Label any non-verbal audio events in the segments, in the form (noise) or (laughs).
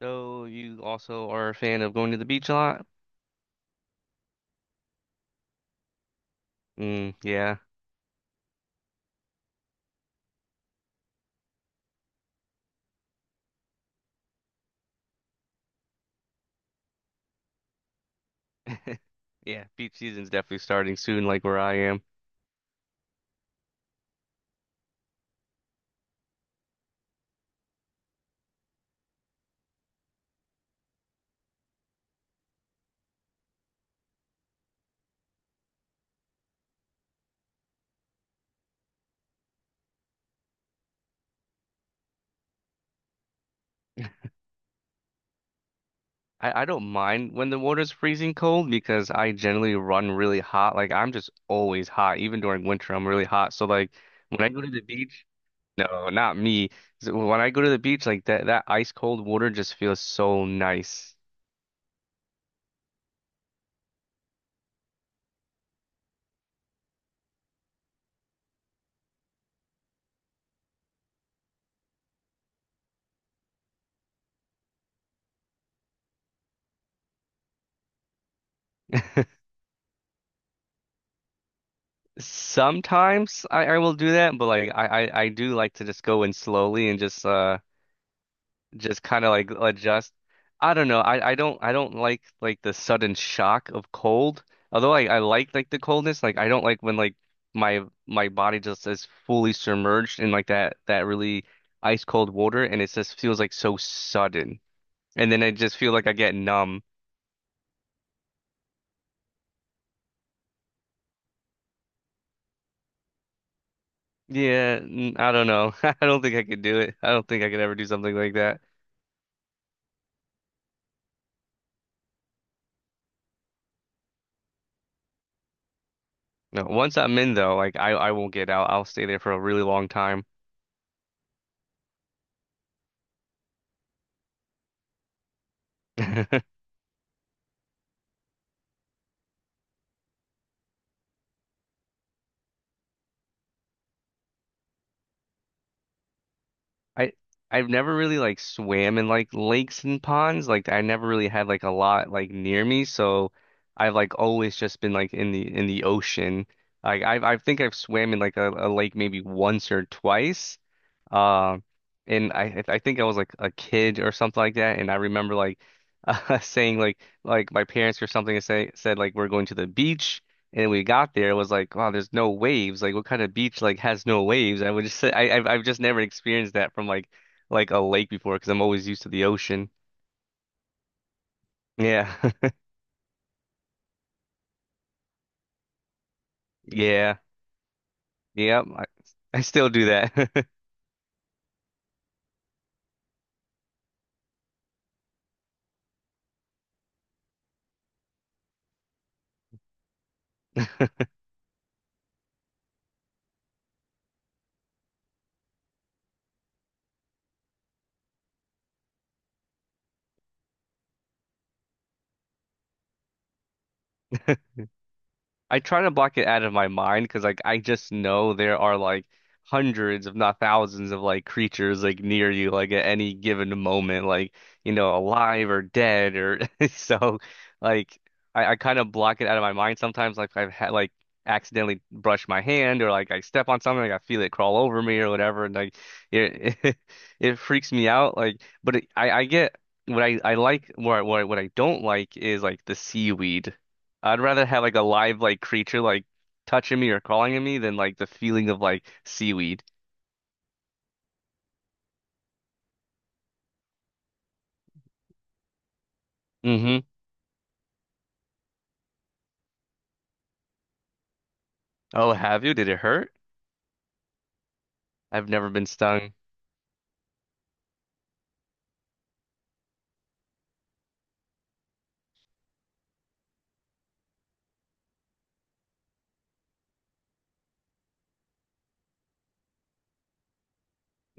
So you also are a fan of going to the beach a lot? Mm, yeah. (laughs) Yeah, beach season's definitely starting soon, like where I am. I don't mind when the water's freezing cold because I generally run really hot. Like I'm just always hot, even during winter, I'm really hot. So like when I go to the beach, no, not me. So when I go to the beach, like that ice cold water just feels so nice. (laughs) Sometimes I will do that, but like I do like to just go in slowly and just kind of like adjust. I don't know. I don't like the sudden shock of cold. Although I like the coldness, like I don't like when like my body just is fully submerged in like that really ice cold water and it just feels like so sudden. And then I just feel like I get numb. Yeah, I don't know. (laughs) I don't think I could do it. I don't think I could ever do something like that. No, once I'm in though, like I won't get out. I'll stay there for a really long time. (laughs) I I've never really like swam in like lakes and ponds. Like I never really had like a lot like near me, so I've like always just been like in the ocean. Like I think I've swam in like a lake maybe once or twice. Um and I think I was like a kid or something like that and I remember like (laughs) saying like my parents or something say said like we're going to the beach and we got there, it was like, wow, there's no waves. Like, what kind of beach like has no waves? I would just say, I, I've just never experienced that from like a lake before because I'm always used to the ocean. Yeah, (laughs) yeah, yep. I still do that. (laughs) I try to block it out of my mind because like I just know there are like hundreds, if not thousands, of like creatures like near you like at any given moment, like you know, alive or dead or (laughs) so like I kind of block it out of my mind sometimes like I've had like accidentally brush my hand or like I step on something, like I feel it crawl over me or whatever and like it (laughs) it, freaks me out like but it, I get what I like what I- what I what I don't like is like the seaweed. I'd rather have like a live like creature like touching me or calling at me than like the feeling of like seaweed. hmm Oh, have you? Did it hurt? I've never been stung.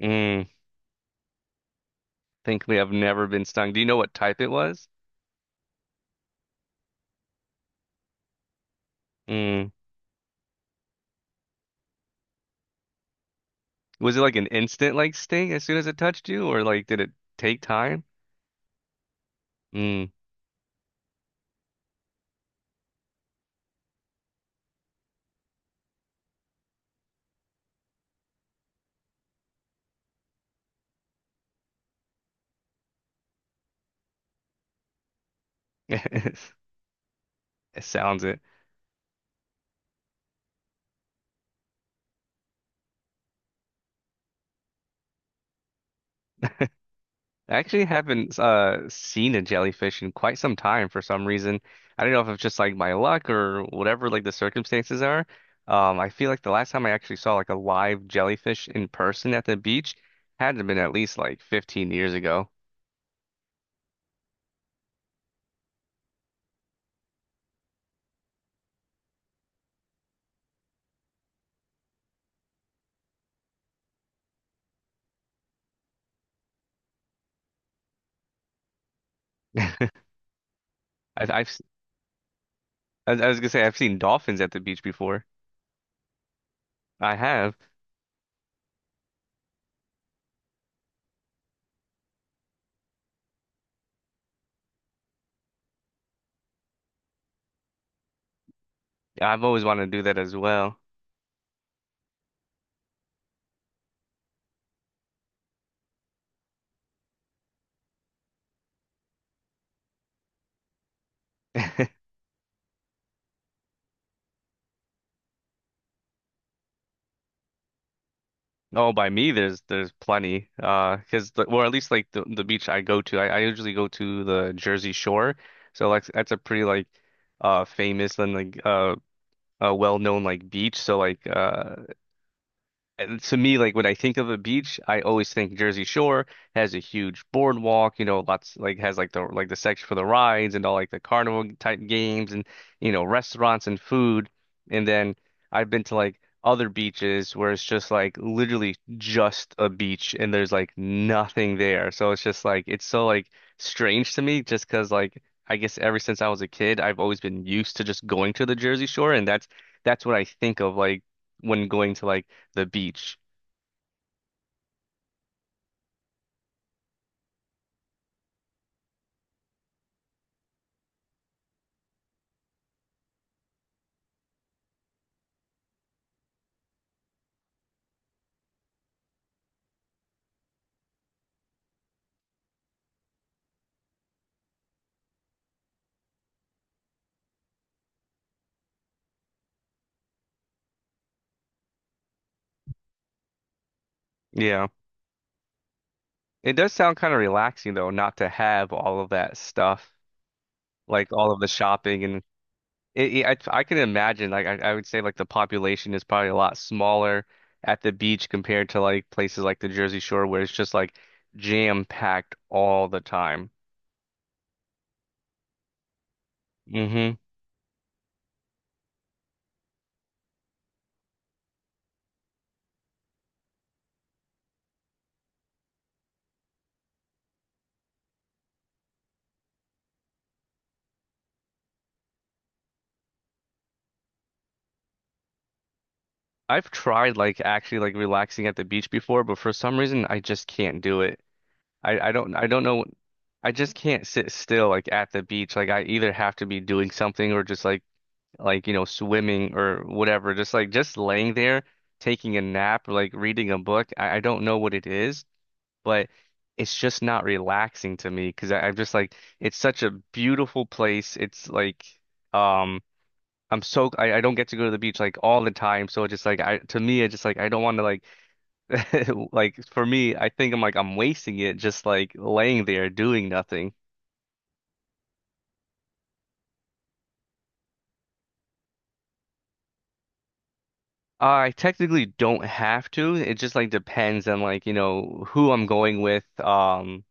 Mm. Thankfully, I've never been stung. Do you know what type it was? Mm. Was it like an instant like sting as soon as it touched you, or like did it take time? Mm. (laughs) It sounds it. I actually haven't seen a jellyfish in quite some time for some reason. I don't know if it's just like my luck or whatever like the circumstances are. I feel like the last time I actually saw like a live jellyfish in person at the beach had to have been at least like 15 years ago. (laughs) I, I've s- I was gonna say I've seen dolphins at the beach before. I have. I've always wanted to do that as well. (laughs) Oh, by me, there's plenty. 'Cause the, well, at least like the beach I go to, I usually go to the Jersey Shore, so like that's a pretty like famous and like a well known like beach. So like and to me, like when I think of a beach, I always think Jersey Shore has a huge boardwalk, you know, lots like has like the section for the rides and all like the carnival type games and you know restaurants and food. And then I've been to like other beaches where it's just like literally just a beach and there's like nothing there. So it's just like it's so like strange to me just 'cause like I guess ever since I was a kid, I've always been used to just going to the Jersey Shore and that's what I think of like when going to like the beach. Yeah. It does sound kind of relaxing though, not to have all of that stuff, like all of the shopping and I can imagine like I would say like the population is probably a lot smaller at the beach compared to like places like the Jersey Shore where it's just like jam packed all the time. hmm I've tried like actually like relaxing at the beach before, but for some reason I just can't do it. I don't know I just can't sit still like at the beach. Like I either have to be doing something or just like you know swimming or whatever just like just laying there taking a nap or like reading a book I don't know what it is but it's just not relaxing to me because I'm just like it's such a beautiful place it's like um I'm so I don't get to go to the beach like all the time so it's just like I to me it's just like I don't want to like (laughs) like for me I think I'm like I'm wasting it just like laying there doing nothing I technically don't have to. It just like depends on like, you know, who I'm going with,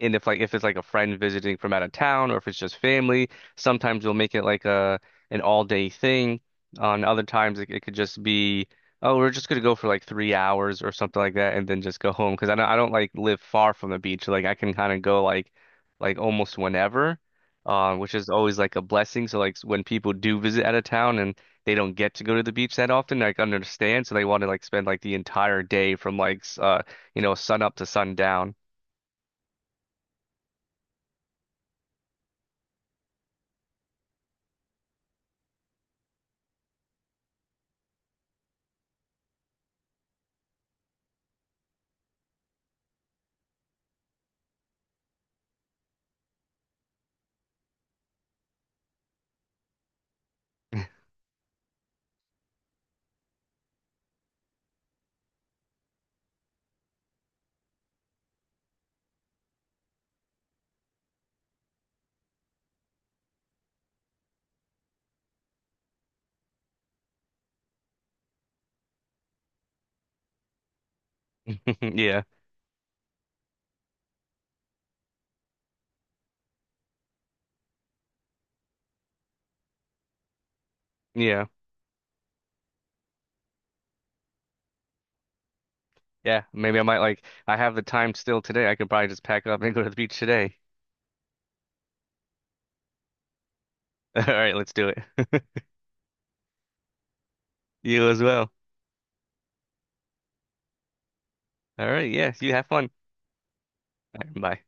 and if like if it's like a friend visiting from out of town or if it's just family, sometimes you'll make it like a an all day thing. On other times it could just be, oh, we're just gonna go for like 3 hours or something like that and then just go home. Because I don't like live far from the beach. Like I can kind of go like almost whenever, which is always like a blessing. So like when people do visit out of town and they don't get to go to the beach that often, like understand. So they want to like spend like the entire day from like you know sun up to sundown. (laughs) Yeah. Yeah. Yeah. Maybe I might like I have the time still today. I could probably just pack up and go to the beach today. (laughs) All right, let's do it. (laughs) You as well. All right, yeah, you have fun. All right, bye.